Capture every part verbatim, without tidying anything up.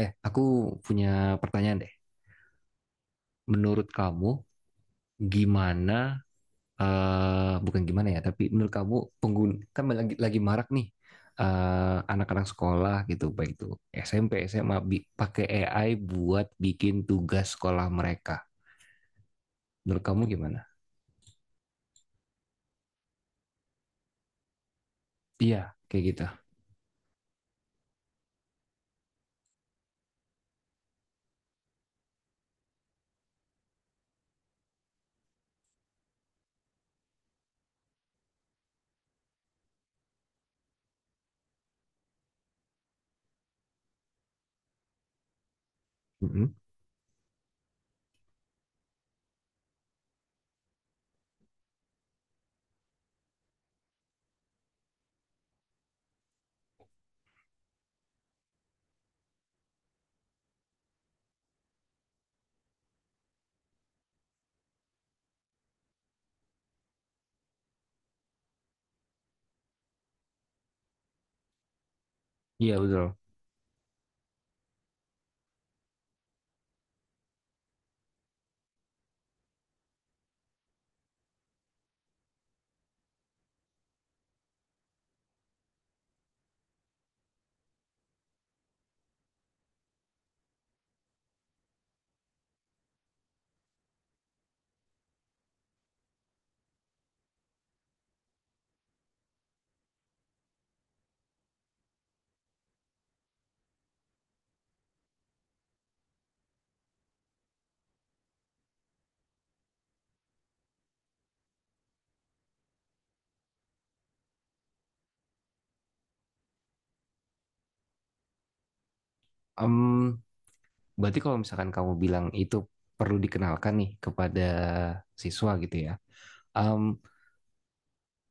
Eh, aku punya pertanyaan deh. Menurut kamu, gimana, eh bukan gimana ya, tapi menurut kamu, pengguna, kan lagi, lagi marak nih, eh, anak-anak sekolah gitu, baik itu S M P, S M A, bi- pakai A I buat bikin tugas sekolah mereka. Menurut kamu gimana? Iya, kayak gitu. Mm-mm. Iya, betul. Em, berarti kalau misalkan kamu bilang itu perlu dikenalkan nih kepada siswa gitu ya. Em,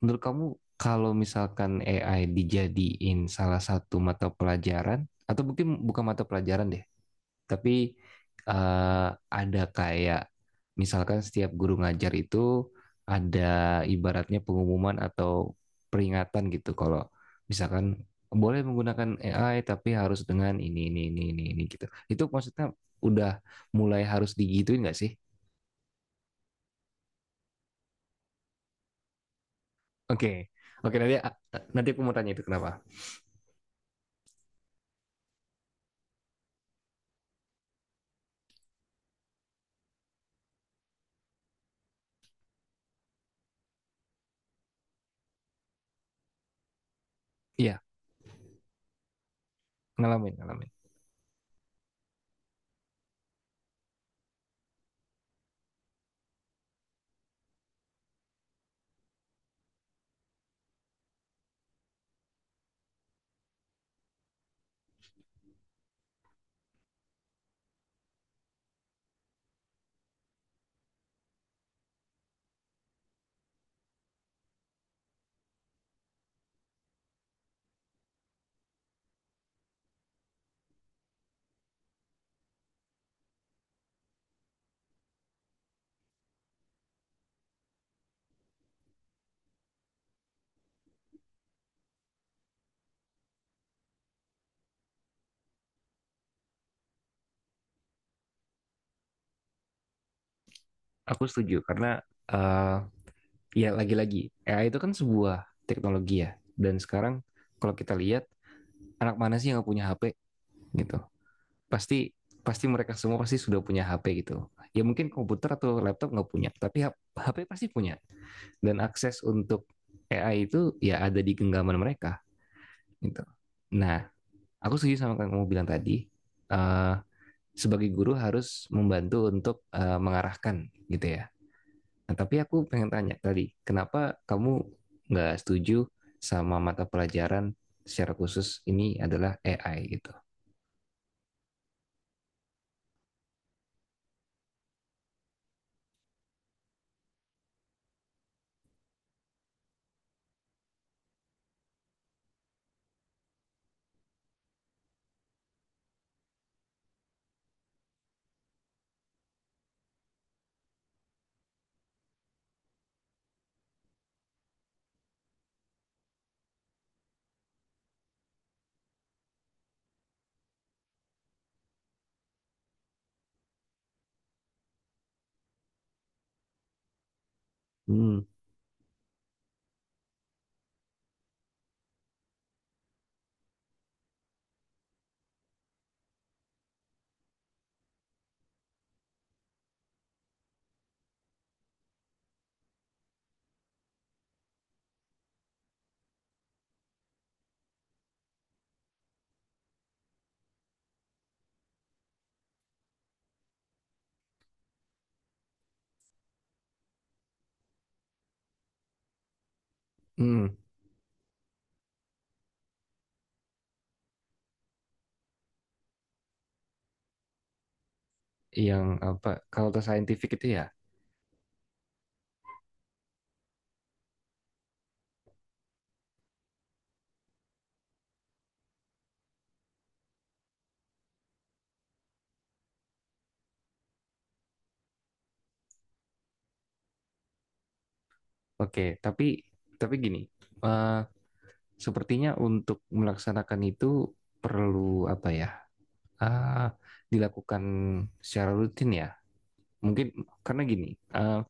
Menurut kamu kalau misalkan A I dijadiin salah satu mata pelajaran, atau mungkin bukan mata pelajaran deh, tapi eh, ada kayak misalkan setiap guru ngajar itu ada ibaratnya pengumuman atau peringatan gitu kalau misalkan boleh menggunakan A I tapi harus dengan ini ini ini ini ini gitu. Itu maksudnya udah mulai harus digituin nggak sih? Oke, okay. Oke, okay, nanti nanti aku mau tanya itu kenapa. Iya, ngalamin, ngalamin. Aku setuju karena eh, ya lagi-lagi A I itu kan sebuah teknologi ya. Dan sekarang kalau kita lihat, anak mana sih yang nggak punya H P gitu? Pasti pasti mereka semua pasti sudah punya H P gitu. Ya mungkin komputer atau laptop nggak punya, tapi H- HP pasti punya. Dan akses untuk A I itu ya ada di genggaman mereka gitu. Nah, aku setuju sama yang kamu bilang tadi. eh, Sebagai guru harus membantu untuk eh, mengarahkan gitu ya. Nah, tapi aku pengen tanya tadi, kenapa kamu nggak setuju sama mata pelajaran secara khusus ini adalah A I gitu? Hmm, hmm, yang apa? Kalau ke scientific itu ya, oke. Tapi tapi gini, eh, sepertinya untuk melaksanakan itu perlu apa ya? Ah, dilakukan secara rutin ya. Mungkin karena gini, eh,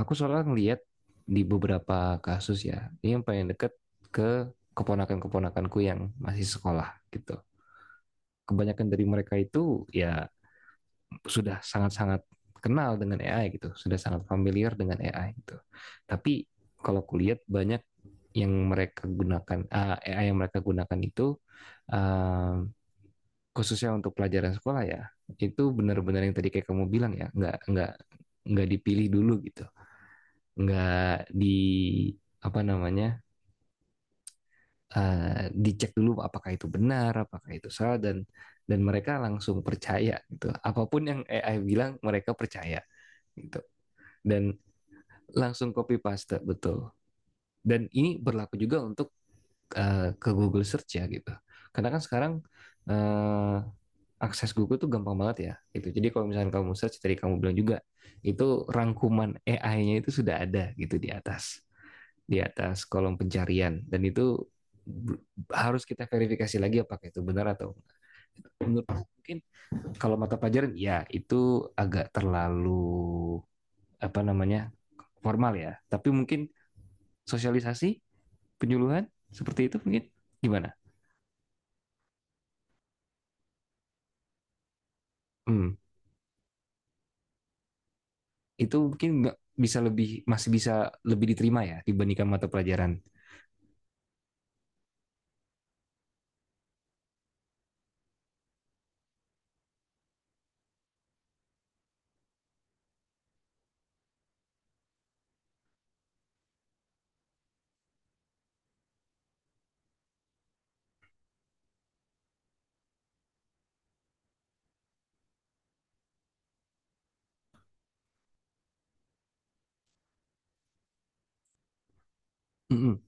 aku soalnya ngeliat di beberapa kasus ya, ini yang paling deket ke keponakan-keponakanku yang masih sekolah gitu. Kebanyakan dari mereka itu ya sudah sangat-sangat kenal dengan A I gitu, sudah sangat familiar dengan A I gitu. Tapi kalau kulihat banyak yang mereka gunakan ah, A I yang mereka gunakan itu, ah, khususnya untuk pelajaran sekolah ya, itu benar-benar yang tadi kayak kamu bilang ya, nggak nggak nggak dipilih dulu gitu, nggak di apa namanya, eh, dicek dulu apakah itu benar apakah itu salah. dan dan mereka langsung percaya gitu, apapun yang A I bilang mereka percaya gitu dan langsung copy paste, betul. Dan ini berlaku juga untuk eh, ke Google Search ya gitu, karena kan sekarang eh, akses Google tuh gampang banget ya gitu. Jadi kalau misalnya kamu search, tadi kamu bilang juga itu, rangkuman A I-nya itu sudah ada gitu di atas, di atas kolom pencarian, dan itu harus kita verifikasi lagi apakah itu benar atau enggak. Menurut, mungkin kalau mata pelajaran ya itu agak terlalu apa namanya, formal ya, tapi mungkin sosialisasi, penyuluhan seperti itu mungkin gimana. Hmm, itu mungkin nggak bisa lebih, masih bisa lebih diterima ya dibandingkan mata pelajaran. Mm-mm.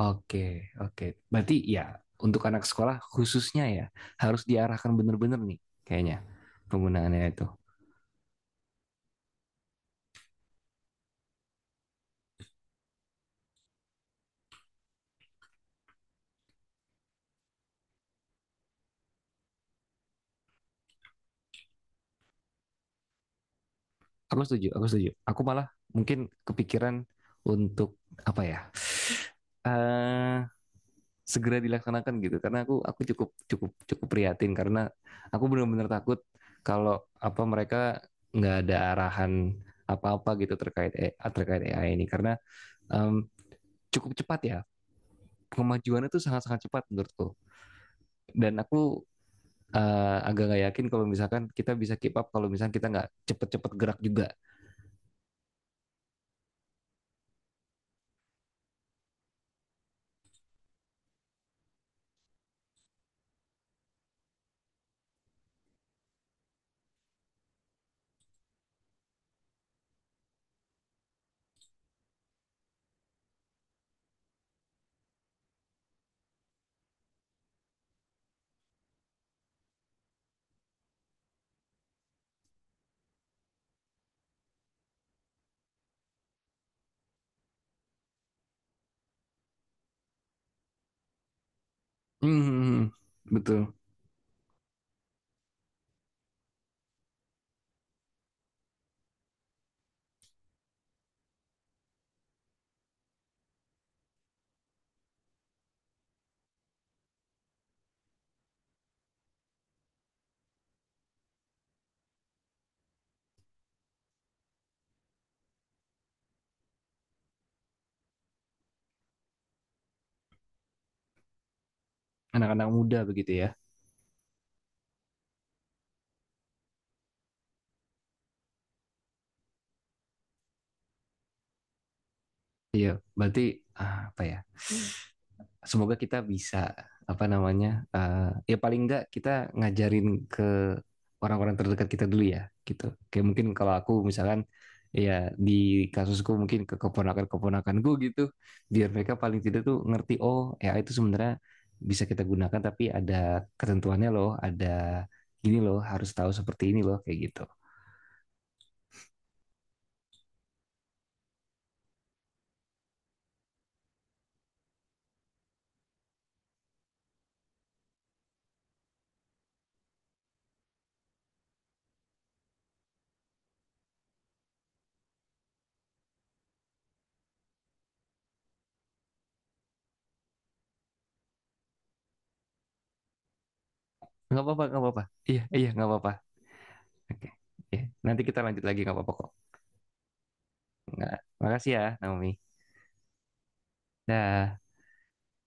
Oke, oke, berarti ya untuk anak sekolah khususnya ya harus diarahkan benar-benar nih kayaknya penggunaannya itu. Aku setuju, aku setuju. Aku malah mungkin kepikiran untuk apa ya? eh Segera dilaksanakan gitu, karena aku aku cukup cukup cukup prihatin karena aku benar-benar takut kalau apa mereka nggak ada arahan apa-apa gitu terkait eh, terkait A I ini karena em, cukup cepat ya kemajuannya tuh sangat-sangat cepat menurutku. Dan aku eh, agak nggak yakin kalau misalkan kita bisa keep up kalau misalkan kita nggak cepet-cepet gerak juga. Hmm, hmm, hmm, hmm. Betul. Anak-anak muda begitu ya. Iya, berarti ah, apa ya? Semoga kita bisa apa namanya, eh, ya paling enggak kita ngajarin ke orang-orang terdekat kita dulu ya, gitu. Kayak mungkin kalau aku misalkan ya di kasusku mungkin ke keponakan-keponakanku gitu, biar mereka paling tidak tuh ngerti, oh ya itu sebenarnya bisa kita gunakan tapi ada ketentuannya loh, ada gini loh, harus tahu seperti ini loh kayak gitu. Nggak apa-apa, nggak apa-apa. Iya, iya nggak apa-apa. Oke. Ya, nanti kita lanjut lagi nggak apa-apa kok. Nggak, makasih ya, Naomi. Dah.